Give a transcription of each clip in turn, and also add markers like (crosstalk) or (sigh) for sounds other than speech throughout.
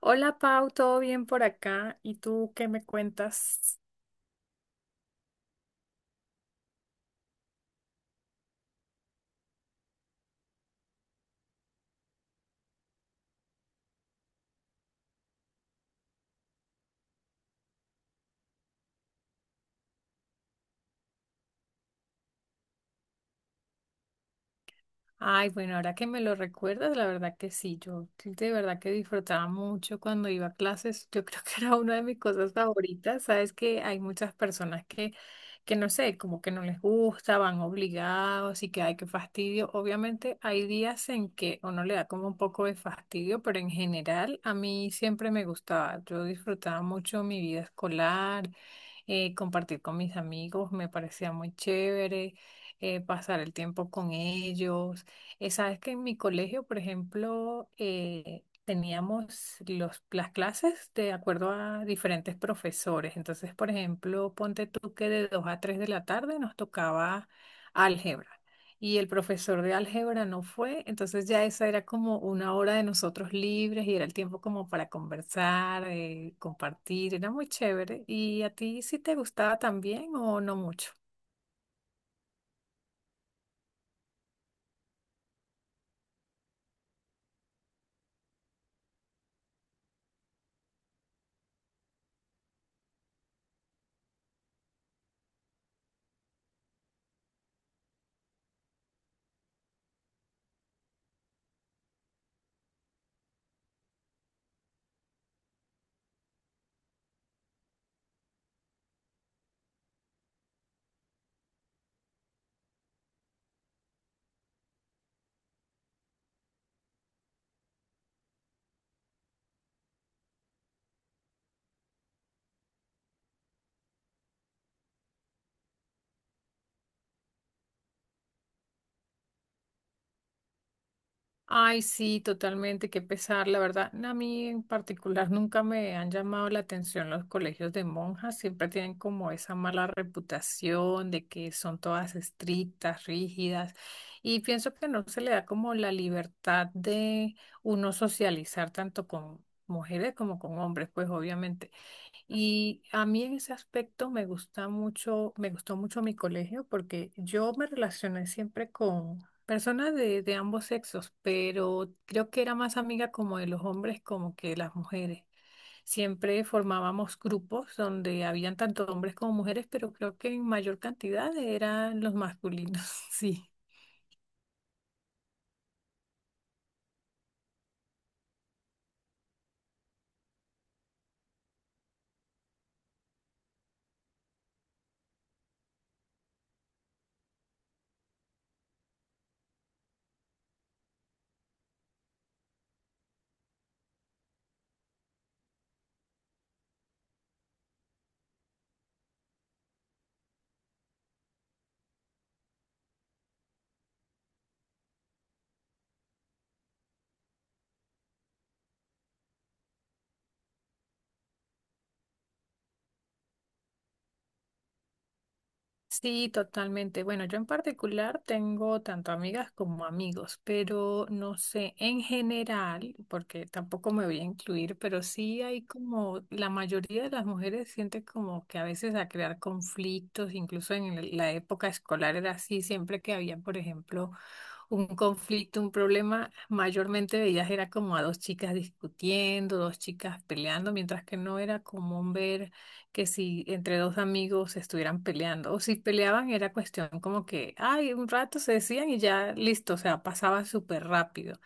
Hola Pau, ¿todo bien por acá? ¿Y tú qué me cuentas? Ay, bueno, ahora que me lo recuerdas, la verdad que sí, yo de verdad que disfrutaba mucho cuando iba a clases. Yo creo que era una de mis cosas favoritas. Sabes que hay muchas personas que no sé, como que no les gusta, van obligados y que hay, que fastidio. Obviamente hay días en que uno le da como un poco de fastidio, pero en general a mí siempre me gustaba. Yo disfrutaba mucho mi vida escolar, compartir con mis amigos, me parecía muy chévere, pasar el tiempo con ellos. Sabes que en mi colegio, por ejemplo, teníamos las clases de acuerdo a diferentes profesores. Entonces, por ejemplo, ponte tú que de 2 a 3 de la tarde nos tocaba álgebra y el profesor de álgebra no fue. Entonces ya esa era como una hora de nosotros libres y era el tiempo como para conversar, compartir. Era muy chévere. ¿Y a ti sí te gustaba también o no mucho? Ay, sí, totalmente, qué pesar, la verdad. No, a mí en particular nunca me han llamado la atención los colegios de monjas, siempre tienen como esa mala reputación de que son todas estrictas, rígidas, y pienso que no se le da como la libertad de uno socializar tanto con mujeres como con hombres, pues obviamente. Y a mí en ese aspecto me gusta mucho, me gustó mucho mi colegio, porque yo me relacioné siempre con personas de ambos sexos, pero creo que era más amiga como de los hombres como que de las mujeres. Siempre formábamos grupos donde habían tanto hombres como mujeres, pero creo que en mayor cantidad eran los masculinos. (laughs) Sí. Sí, totalmente. Bueno, yo en particular tengo tanto amigas como amigos, pero no sé, en general, porque tampoco me voy a incluir, pero sí hay como, la mayoría de las mujeres siente como que a veces a crear conflictos, incluso en la época escolar era así. Siempre que había, por ejemplo, un conflicto, un problema, mayormente veías era como a dos chicas discutiendo, dos chicas peleando, mientras que no era común ver que si entre dos amigos estuvieran peleando, o si peleaban era cuestión como que, ay, un rato se decían y ya listo, o sea, pasaba súper rápido.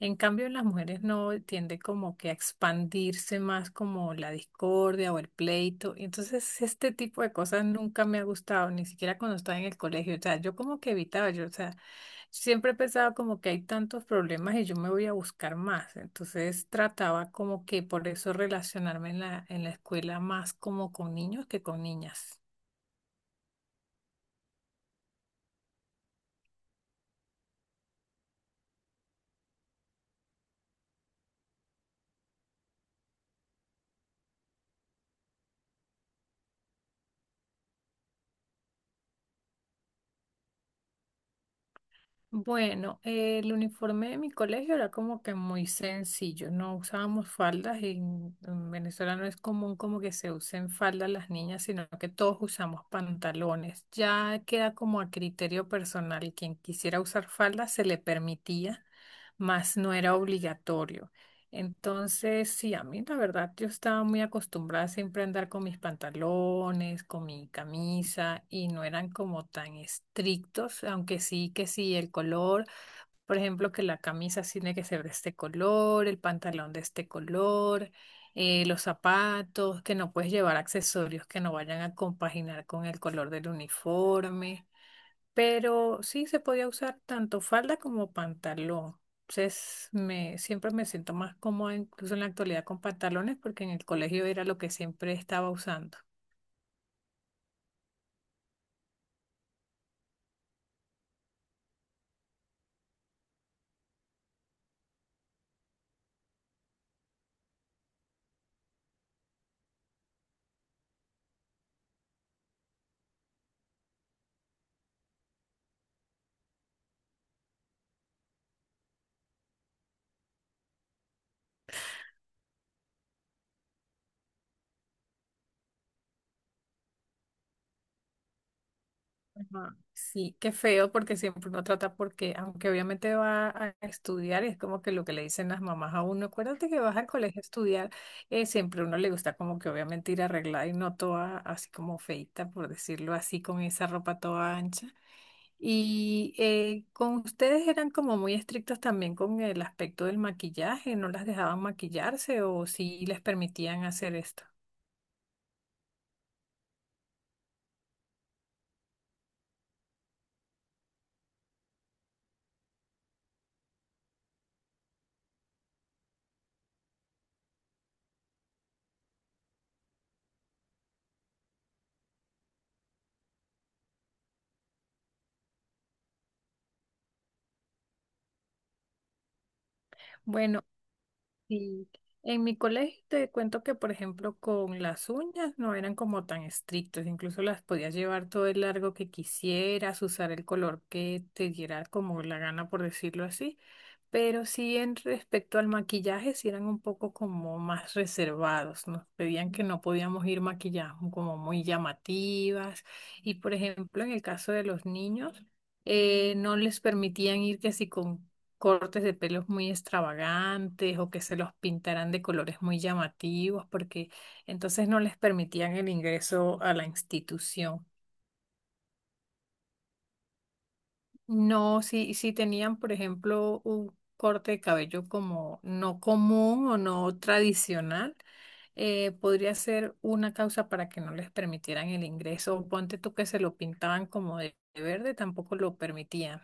En cambio, en las mujeres no tiende como que a expandirse más como la discordia o el pleito. Y entonces, este tipo de cosas nunca me ha gustado, ni siquiera cuando estaba en el colegio. O sea, yo como que evitaba, yo, o sea, siempre he pensado como que hay tantos problemas y yo me voy a buscar más. Entonces trataba como que por eso relacionarme en la escuela más como con niños que con niñas. Bueno, el uniforme de mi colegio era como que muy sencillo. No usábamos faldas y en Venezuela no es común como que se usen faldas las niñas, sino que todos usamos pantalones. Ya queda como a criterio personal. Quien quisiera usar faldas se le permitía, mas no era obligatorio. Entonces, sí, a mí la verdad, yo estaba muy acostumbrada siempre a andar con mis pantalones, con mi camisa, y no eran como tan estrictos, aunque sí que sí, el color, por ejemplo, que la camisa sí tiene que ser de este color, el pantalón de este color, los zapatos, que no puedes llevar accesorios que no vayan a compaginar con el color del uniforme. Pero sí se podía usar tanto falda como pantalón. Entonces, me, siempre me siento más cómoda, incluso en la actualidad, con pantalones, porque en el colegio era lo que siempre estaba usando. Ajá. Sí, qué feo, porque siempre uno trata, porque aunque obviamente va a estudiar, es como que lo que le dicen las mamás a uno, acuérdate que vas al colegio a estudiar, siempre a uno le gusta como que obviamente ir arreglada y no toda así como feita, por decirlo así, con esa ropa toda ancha. Y con ustedes eran como muy estrictos también con el aspecto del maquillaje, no las dejaban maquillarse o si les permitían hacer esto. Bueno. Sí, en mi colegio te cuento que, por ejemplo, con las uñas no eran como tan estrictos, incluso las podías llevar todo el largo que quisieras, usar el color que te diera como la gana, por decirlo así, pero sí en respecto al maquillaje, sí eran un poco como más reservados, nos pedían que no podíamos ir maquilladas como muy llamativas y, por ejemplo, en el caso de los niños, no les permitían ir que si con cortes de pelos muy extravagantes o que se los pintaran de colores muy llamativos, porque entonces no les permitían el ingreso a la institución. No, si, si tenían, por ejemplo, un corte de cabello como no común o no tradicional, podría ser una causa para que no les permitieran el ingreso. O ponte tú que se lo pintaban como de verde, tampoco lo permitían.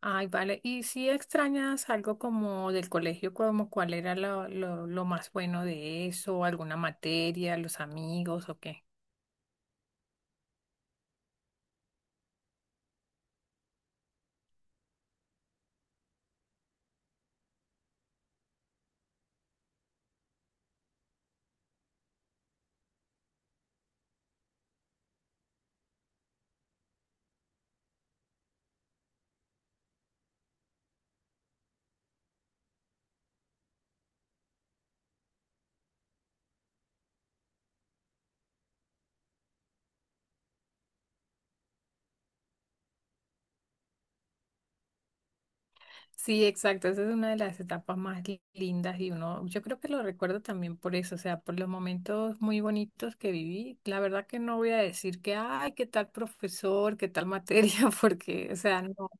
Ay, vale. ¿Y si extrañas algo como del colegio, como cuál era lo más bueno de eso, alguna materia, los amigos o qué? Sí, exacto. Esa es una de las etapas más lindas y uno, yo creo que lo recuerdo también por eso, o sea, por los momentos muy bonitos que viví. La verdad que no voy a decir que, ay, qué tal profesor, qué tal materia, (laughs) porque, o sea, no. O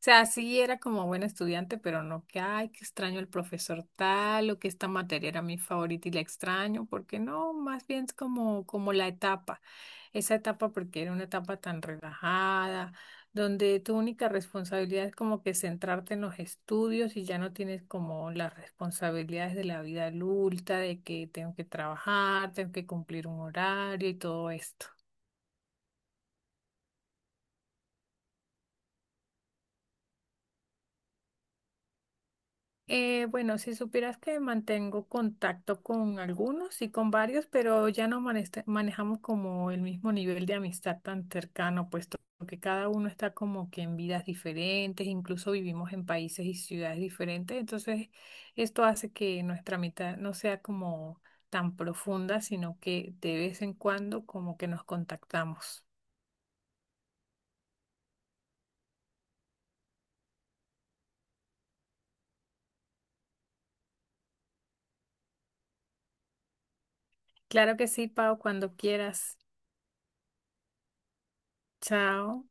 sea, sí era como buena estudiante, pero no que, ay, que extraño el profesor tal o que esta materia era mi favorita y la extraño, porque no, más bien es como, como la etapa, esa etapa porque era una etapa tan relajada donde tu única responsabilidad es como que centrarte en los estudios y ya no tienes como las responsabilidades de la vida adulta, de que tengo que trabajar, tengo que cumplir un horario y todo esto. Bueno, si supieras que mantengo contacto con algunos y con varios, pero ya no manejamos como el mismo nivel de amistad tan cercano, puesto que cada uno está como que en vidas diferentes, incluso vivimos en países y ciudades diferentes, entonces esto hace que nuestra amistad no sea como tan profunda, sino que de vez en cuando como que nos contactamos. Claro que sí, Pau, cuando quieras. Chao.